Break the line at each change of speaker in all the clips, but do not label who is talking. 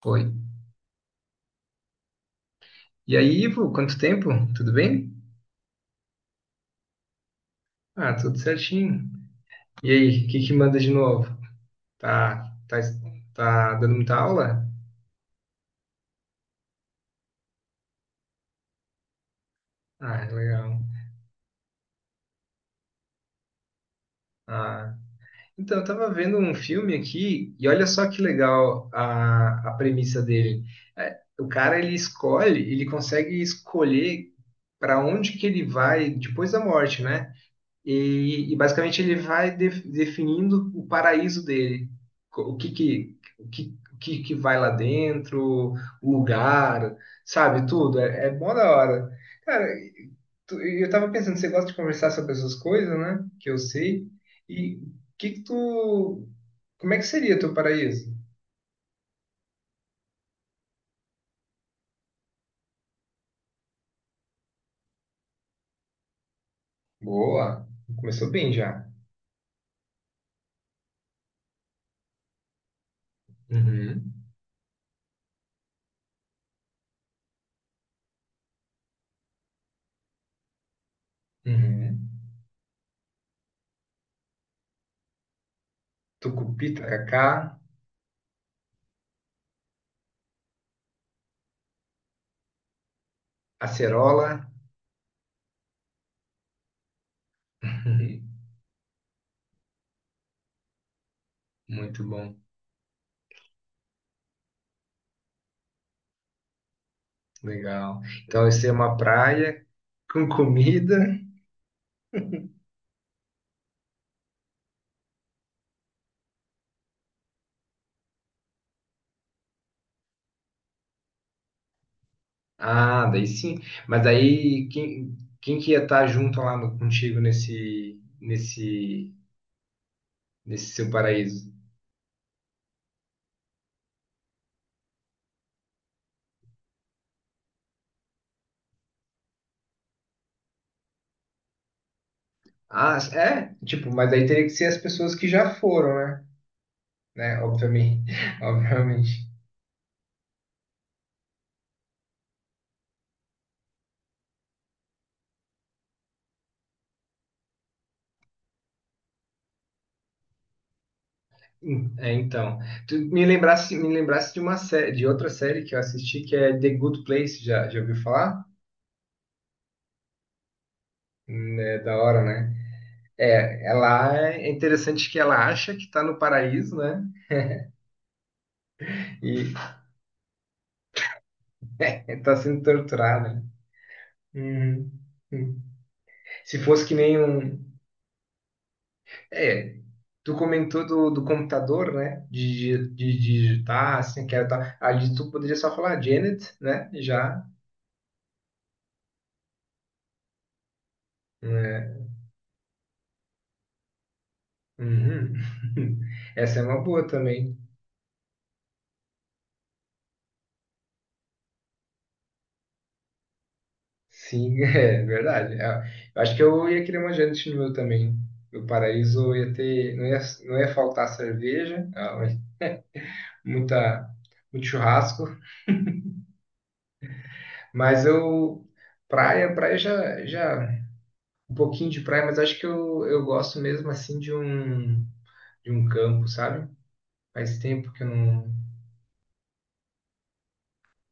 Foi. E aí, Ivo, quanto tempo? Tudo bem? Ah, tudo certinho. E aí, o que que manda de novo? Tá, tá, tá dando muita aula? Ah, legal. Ah, então, eu tava vendo um filme aqui e olha só que legal a premissa dele. É, o cara, ele escolhe, ele consegue escolher para onde que ele vai depois da morte, né? E basicamente ele vai definindo o paraíso dele. O que que, o que, o que que vai lá dentro, o lugar, sabe, tudo. É, é mó da hora. Cara, e eu tava pensando, você gosta de conversar sobre essas coisas, né? Que eu sei. E o que que tu. Como é que seria teu paraíso? Boa, começou bem já. Uhum. Uhum. Tucupi, tacacá, acerola. Uhum. Muito bom. Legal. Então, isso é uma praia com comida. Ah, daí sim. Mas daí quem que ia estar junto lá no- contigo nesse seu paraíso? Ah, é? Tipo, mas daí teria que ser as pessoas que já foram, né? Né? Obviamente. Obviamente. É, então. Tu me lembrasse de uma série, de outra série que eu assisti, que é The Good Place. Já ouviu falar? É da hora, né? É, ela é interessante, que ela acha que está no paraíso, né? E está sendo torturada. Uhum. Uhum. Se fosse que nem um. É, tu comentou do computador, né? De digitar, assim, que era tal. Ali tu poderia só falar Janet, né? E já. Né? Uhum. Essa é uma boa também. Sim, é verdade. É, eu acho que eu ia querer uma Janet no meu também. No paraíso eu ia ter. Não ia faltar cerveja. Ah, muita, muito churrasco. Mas eu, praia um pouquinho de praia, mas acho que eu gosto mesmo assim de um campo, sabe? Faz tempo que eu não,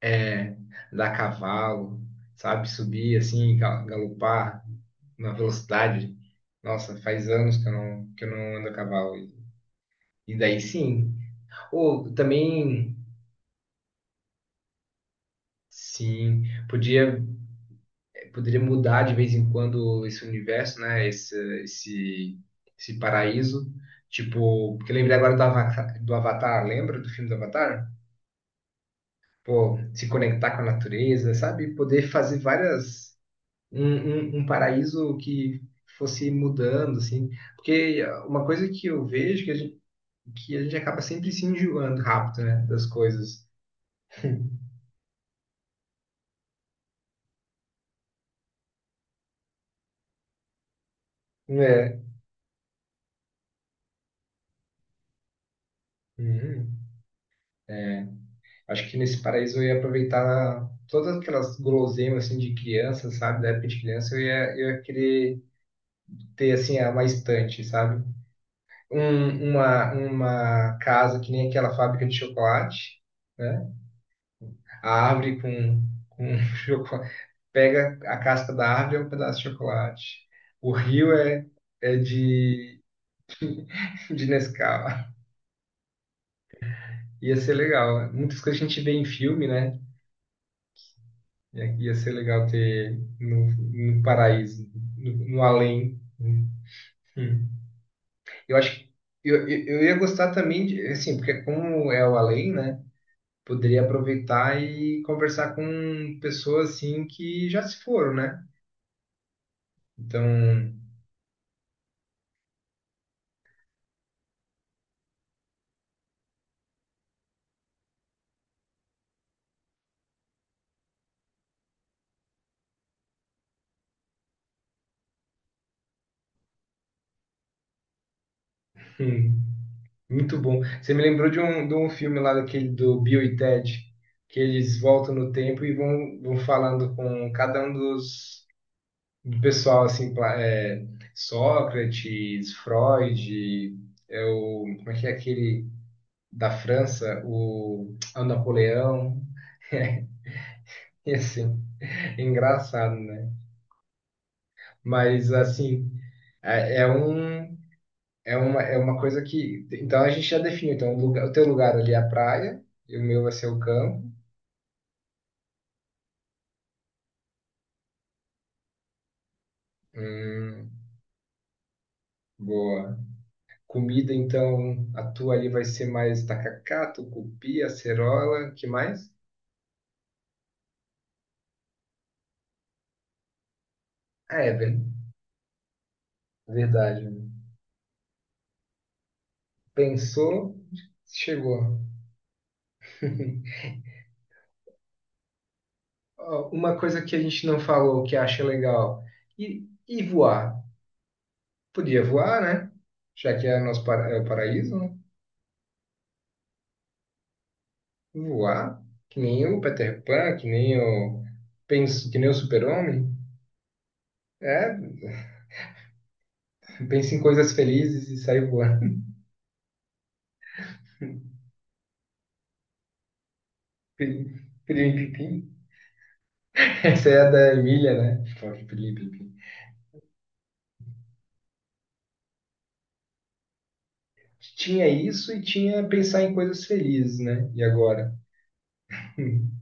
é, dar cavalo, sabe? Subir assim, galopar na velocidade. Nossa, faz anos que eu não ando a cavalo. E daí sim. Ou também, sim, podia poderia mudar de vez em quando esse universo, né? Esse, Esse paraíso. Tipo, porque eu lembrei agora do Avatar, lembra do filme do Avatar? Pô, se conectar com a natureza, sabe? Poder fazer várias. Um, Um paraíso que fosse mudando, assim. Porque uma coisa que eu vejo que a gente acaba sempre se enjoando rápido, né? Das coisas. É. Uhum. Acho que nesse paraíso eu ia aproveitar todas aquelas guloseimas assim de criança, sabe? Da época de criança eu ia querer ter assim uma estante, sabe? Uma casa que nem aquela fábrica de chocolate, né? A árvore com chocolate. Pega a casca da árvore é um pedaço de chocolate. O rio é de, de Nescau. Ia ser legal. Muitas coisas que a gente vê em filme, né? Ia ser legal ter no, no paraíso, no, no além. Né? Hum. Eu acho que eu ia gostar também de, assim, porque como é o além, né? Poderia aproveitar e conversar com pessoas assim que já se foram, né? Então, hum, muito bom. Você me lembrou de um filme lá daquele do Bill e Ted, que eles voltam no tempo e vão falando com cada um dos do pessoal assim, é, Sócrates, Freud, é o, como é que é aquele da França, o, ah, o Napoleão, e assim, é engraçado, né? Mas assim, é, é um é uma coisa que então a gente já definiu, então o lugar, o teu lugar ali é a praia, e o meu vai ser o campo. Hum, boa. Comida, então, a tua ali vai ser mais tacacá, tucupi, acerola, que mais? Ah, é, velho. Verdade, mano. Pensou, chegou. Ó, uma coisa que a gente não falou que acha legal. E voar? Podia voar, né? Já que é nosso é o paraíso, né? Voar. Que nem o Peter Pan, que nem o, penso, que nem o Super-Homem. É, pensa em coisas felizes e sai voando. Pilim, pilim, pilim. Essa é a da Emília, né? Pilim, pilim, pilim. Tinha isso e tinha pensar em coisas felizes, né? E agora?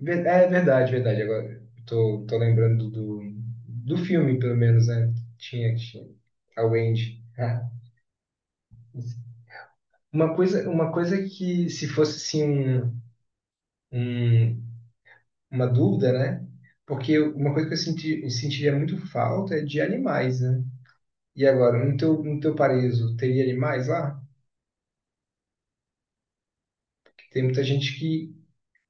É verdade, verdade. Agora tô lembrando do, do filme, pelo menos, né? Tinha, tinha. A Wendy. Ah. Uma coisa que, se fosse assim, um- uma dúvida, né? Porque uma coisa que eu senti, eu sentiria muito falta é de animais, né? E agora, no teu paraíso, teria animais lá? Porque tem muita gente que.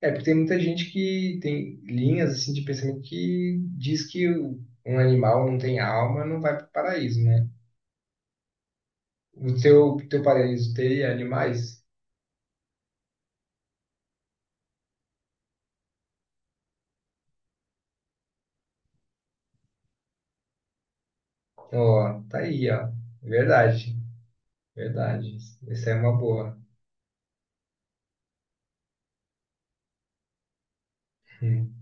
É, porque tem muita gente que tem linhas assim de pensamento que diz que um animal não tem alma, não vai para o paraíso, né? O teu parente teria animais? Ó, tá aí, ó. Verdade, verdade. Essa é uma boa. Hum.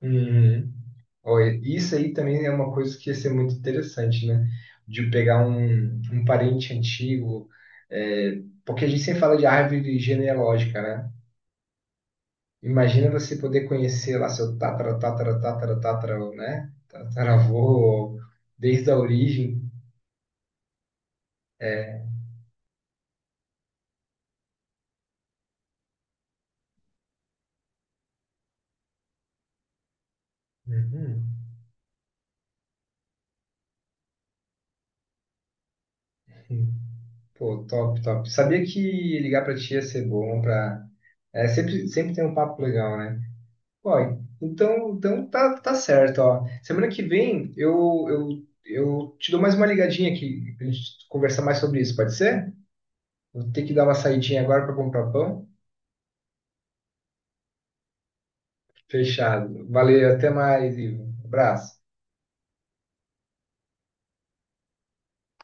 Uhum. Ó, isso aí também é uma coisa que ia ser muito interessante, né? De pegar um, um parente antigo, é, porque a gente sempre fala de árvore genealógica, né? Imagina você poder conhecer lá seu tatara, tatara, tatara, tatara, né? Tataravô, desde a origem. É. Uhum. Uhum. Pô, top, top. Sabia que ligar pra ti ia ser bom pra. É, sempre, sempre tem um papo legal, né? Ó, então, tá certo, ó. Semana que vem eu te dou mais uma ligadinha aqui pra gente conversar mais sobre isso, pode ser? Vou ter que dar uma saidinha agora pra comprar pão. Fechado. Valeu, até mais, Ivo. Abraço.